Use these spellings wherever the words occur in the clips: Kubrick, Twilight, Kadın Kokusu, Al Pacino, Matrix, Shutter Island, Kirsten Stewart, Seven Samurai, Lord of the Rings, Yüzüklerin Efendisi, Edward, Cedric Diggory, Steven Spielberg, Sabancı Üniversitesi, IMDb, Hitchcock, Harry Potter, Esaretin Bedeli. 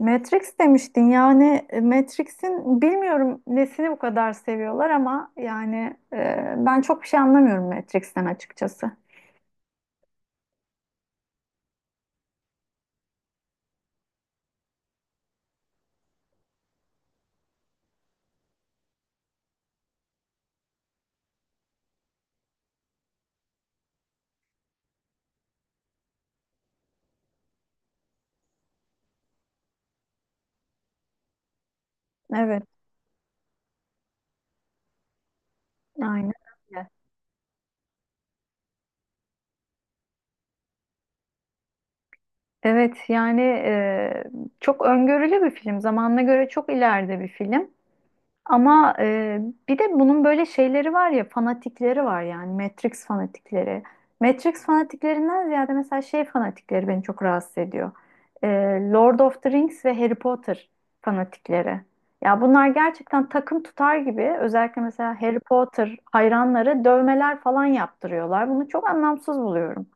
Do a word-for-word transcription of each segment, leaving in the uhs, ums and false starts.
Matrix demiştin yani e, Matrix'in bilmiyorum nesini bu kadar seviyorlar ama yani e, ben çok bir şey anlamıyorum Matrix'ten açıkçası. Evet, aynen öyle. Evet yani e, çok öngörülü bir film. Zamanına göre çok ileride bir film. Ama e, bir de bunun böyle şeyleri var ya, fanatikleri var yani, Matrix fanatikleri. Matrix fanatiklerinden ziyade mesela şey fanatikleri beni çok rahatsız ediyor. E, Lord of the Rings ve Harry Potter fanatikleri. Ya bunlar gerçekten takım tutar gibi, özellikle mesela Harry Potter hayranları dövmeler falan yaptırıyorlar. Bunu çok anlamsız buluyorum.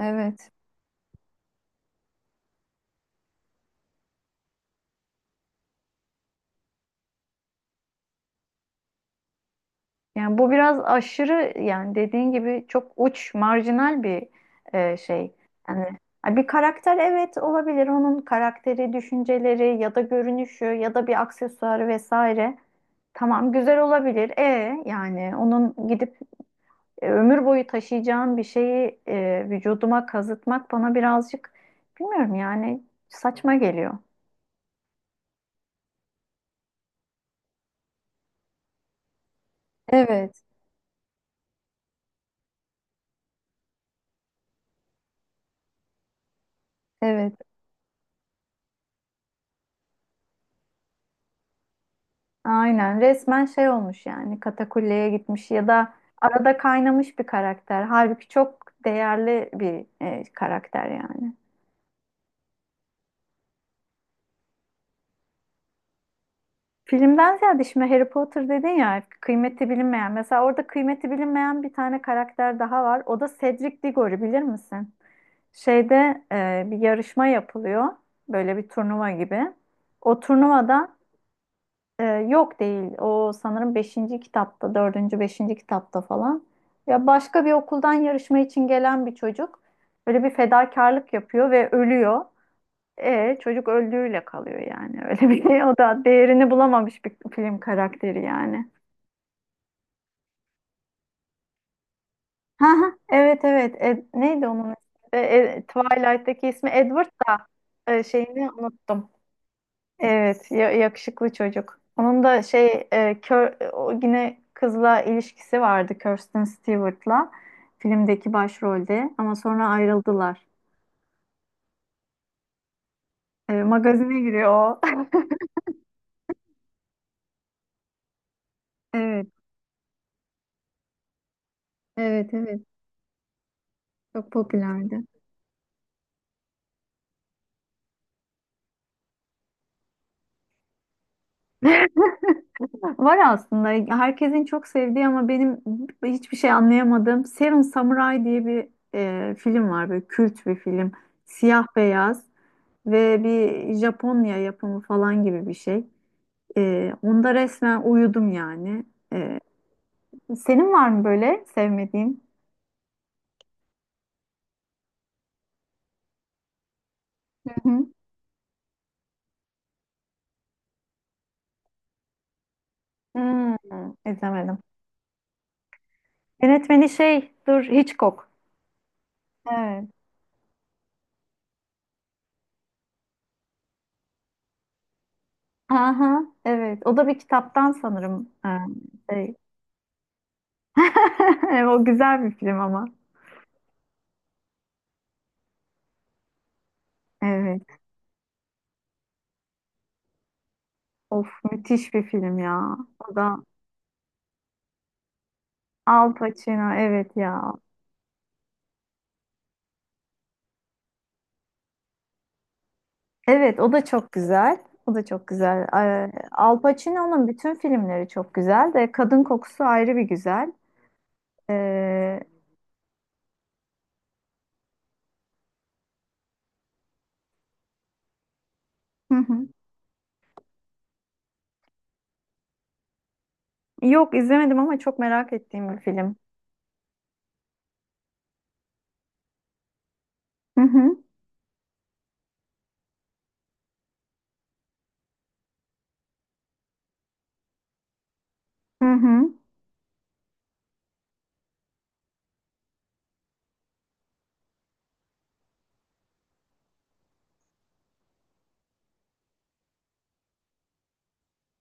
Evet. Yani bu biraz aşırı, yani dediğin gibi çok uç, marjinal bir e, şey. Yani ha, bir karakter evet olabilir. Onun karakteri, düşünceleri ya da görünüşü ya da bir aksesuarı vesaire. Tamam, güzel olabilir. E yani onun gidip e, ömür boyu taşıyacağım bir şeyi e, vücuduma kazıtmak bana birazcık, bilmiyorum yani, saçma geliyor. Evet, evet. Aynen, resmen şey olmuş yani, katakulleye gitmiş ya da arada kaynamış bir karakter. Halbuki çok değerli bir e, karakter yani. Filmden ziyade şimdi Harry Potter dedin ya, kıymeti bilinmeyen. Mesela orada kıymeti bilinmeyen bir tane karakter daha var. O da Cedric Diggory, bilir misin? Şeyde e, bir yarışma yapılıyor. Böyle bir turnuva gibi. O turnuvada. Ee, yok değil. O sanırım beşinci kitapta, dördüncü beşinci kitapta falan. Ya başka bir okuldan yarışma için gelen bir çocuk böyle bir fedakarlık yapıyor ve ölüyor. E, çocuk öldüğüyle kalıyor yani. Öyle bir o da değerini bulamamış bir film karakteri yani. Ha, ha, evet evet. Ed- neydi onun ismi? E, e, Twilight'teki ismi Edward da e, şeyini unuttum. Evet, ya- yakışıklı çocuk. Onun da şey, e, kör, o yine kızla ilişkisi vardı, Kirsten Stewart'la filmdeki başrolde, ama sonra ayrıldılar. E, magazine giriyor o. Evet, evet, evet. Çok popülerdi. Var aslında, herkesin çok sevdiği ama benim hiçbir şey anlayamadığım Seven Samurai diye bir e, film var. Böyle kült bir film. Siyah beyaz ve bir Japonya yapımı falan gibi bir şey. Ee, onda resmen uyudum yani. Ee, senin var mı böyle sevmediğin? Hı hı. Hmm, izlemedim. Yönetmeni şey, dur, Hitchcock. Evet. Aha, evet. O da bir kitaptan sanırım. Ee, şey. O güzel bir film ama. Evet. Of, müthiş bir film ya. O da Al Pacino, evet ya. Evet, o da çok güzel. O da çok güzel. Ee, Al Pacino'nun bütün filmleri çok güzel de Kadın Kokusu ayrı bir güzel. Ee, hı hı. Yok, izlemedim ama çok merak ettiğim bir film. Hı hı. Hı hı.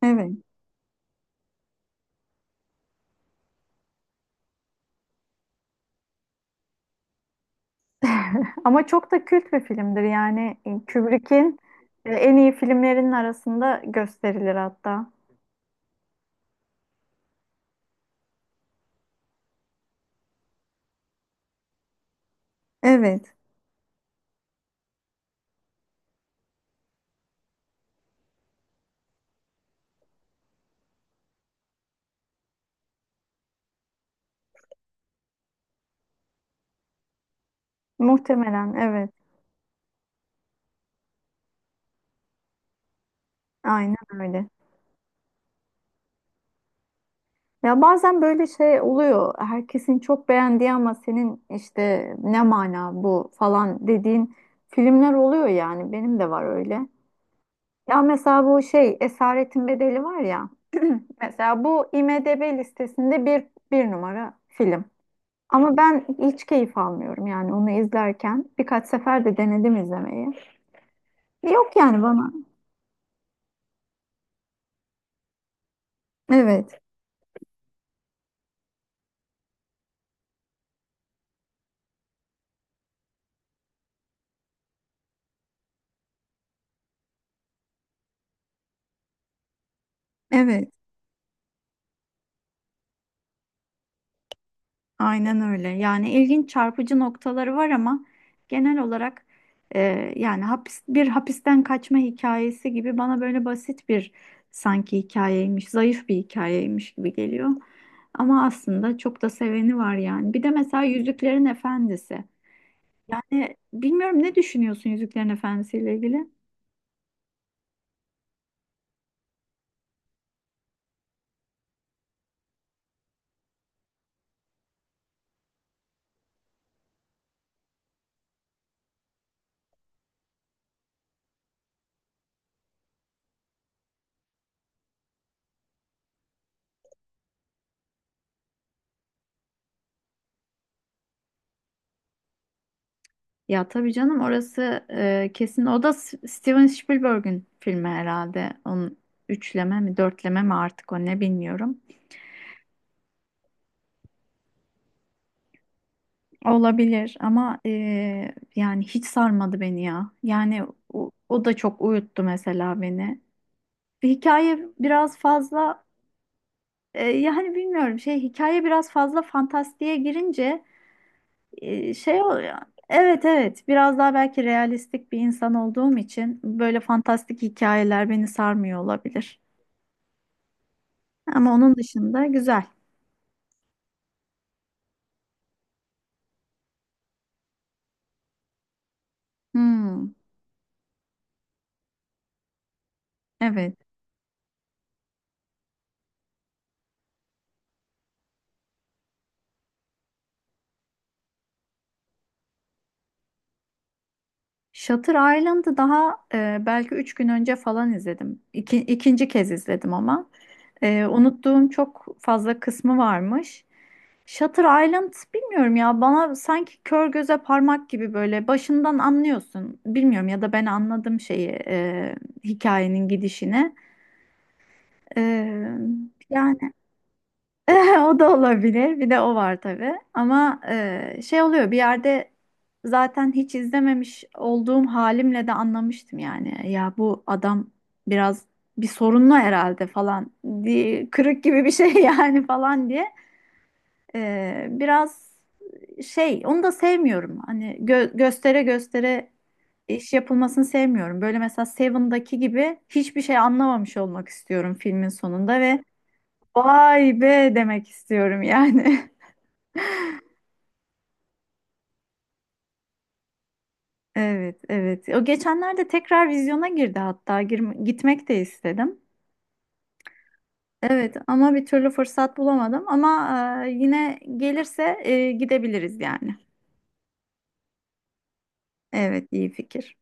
Evet. Ama çok da kült bir filmdir yani, e, Kubrick'in e, en iyi filmlerinin arasında gösterilir hatta. Evet. Muhtemelen evet. Aynen öyle. Ya bazen böyle şey oluyor. Herkesin çok beğendiği ama senin işte "ne mana bu?" falan dediğin filmler oluyor yani. Benim de var öyle. Ya mesela bu şey Esaretin Bedeli var ya. Mesela bu IMDb listesinde bir, bir numara film. Ama ben hiç keyif almıyorum yani onu izlerken. Birkaç sefer de denedim izlemeyi. Yok yani bana. Evet, evet. Aynen öyle. Yani ilginç, çarpıcı noktaları var ama genel olarak e, yani hapis, bir hapisten kaçma hikayesi gibi, bana böyle basit bir, sanki hikayeymiş, zayıf bir hikayeymiş gibi geliyor. Ama aslında çok da seveni var yani. Bir de mesela Yüzüklerin Efendisi. Yani bilmiyorum, ne düşünüyorsun Yüzüklerin Efendisi ile ilgili? Ya tabii canım, orası e, kesin. O da S- Steven Spielberg'ün filmi herhalde. Onun üçleme mi dörtleme mi, artık o ne bilmiyorum. Olabilir ama e, yani hiç sarmadı beni ya. Yani o, o da çok uyuttu mesela beni. Ve hikaye biraz fazla, e, yani bilmiyorum, şey, hikaye biraz fazla fantastiğe girince e, şey oluyor. Evet evet, biraz daha belki realistik bir insan olduğum için böyle fantastik hikayeler beni sarmıyor olabilir. Ama onun dışında güzel. Hmm, evet. Shutter Island'ı daha e, belki üç gün önce falan izledim. İki, ikinci kez izledim ama. E, unuttuğum çok fazla kısmı varmış. Shutter Island, bilmiyorum ya, bana sanki kör göze parmak gibi, böyle başından anlıyorsun. Bilmiyorum ya da ben anladım şeyi, e, hikayenin gidişini. Ee, yani o da olabilir. Bir de o var tabii. Ama e, şey oluyor bir yerde, zaten hiç izlememiş olduğum halimle de anlamıştım yani. Ya bu adam biraz bir sorunlu herhalde falan diye, kırık gibi bir şey yani falan diye. Ee, biraz şey, onu da sevmiyorum. Hani gö- göstere göstere iş yapılmasını sevmiyorum. Böyle mesela Seven'daki gibi hiçbir şey anlamamış olmak istiyorum filmin sonunda ve "Vay be!" demek istiyorum yani. Evet, evet. O geçenlerde tekrar vizyona girdi hatta. Gir- gitmek de istedim. Evet, ama bir türlü fırsat bulamadım. Ama e, yine gelirse e, gidebiliriz yani. Evet, iyi fikir.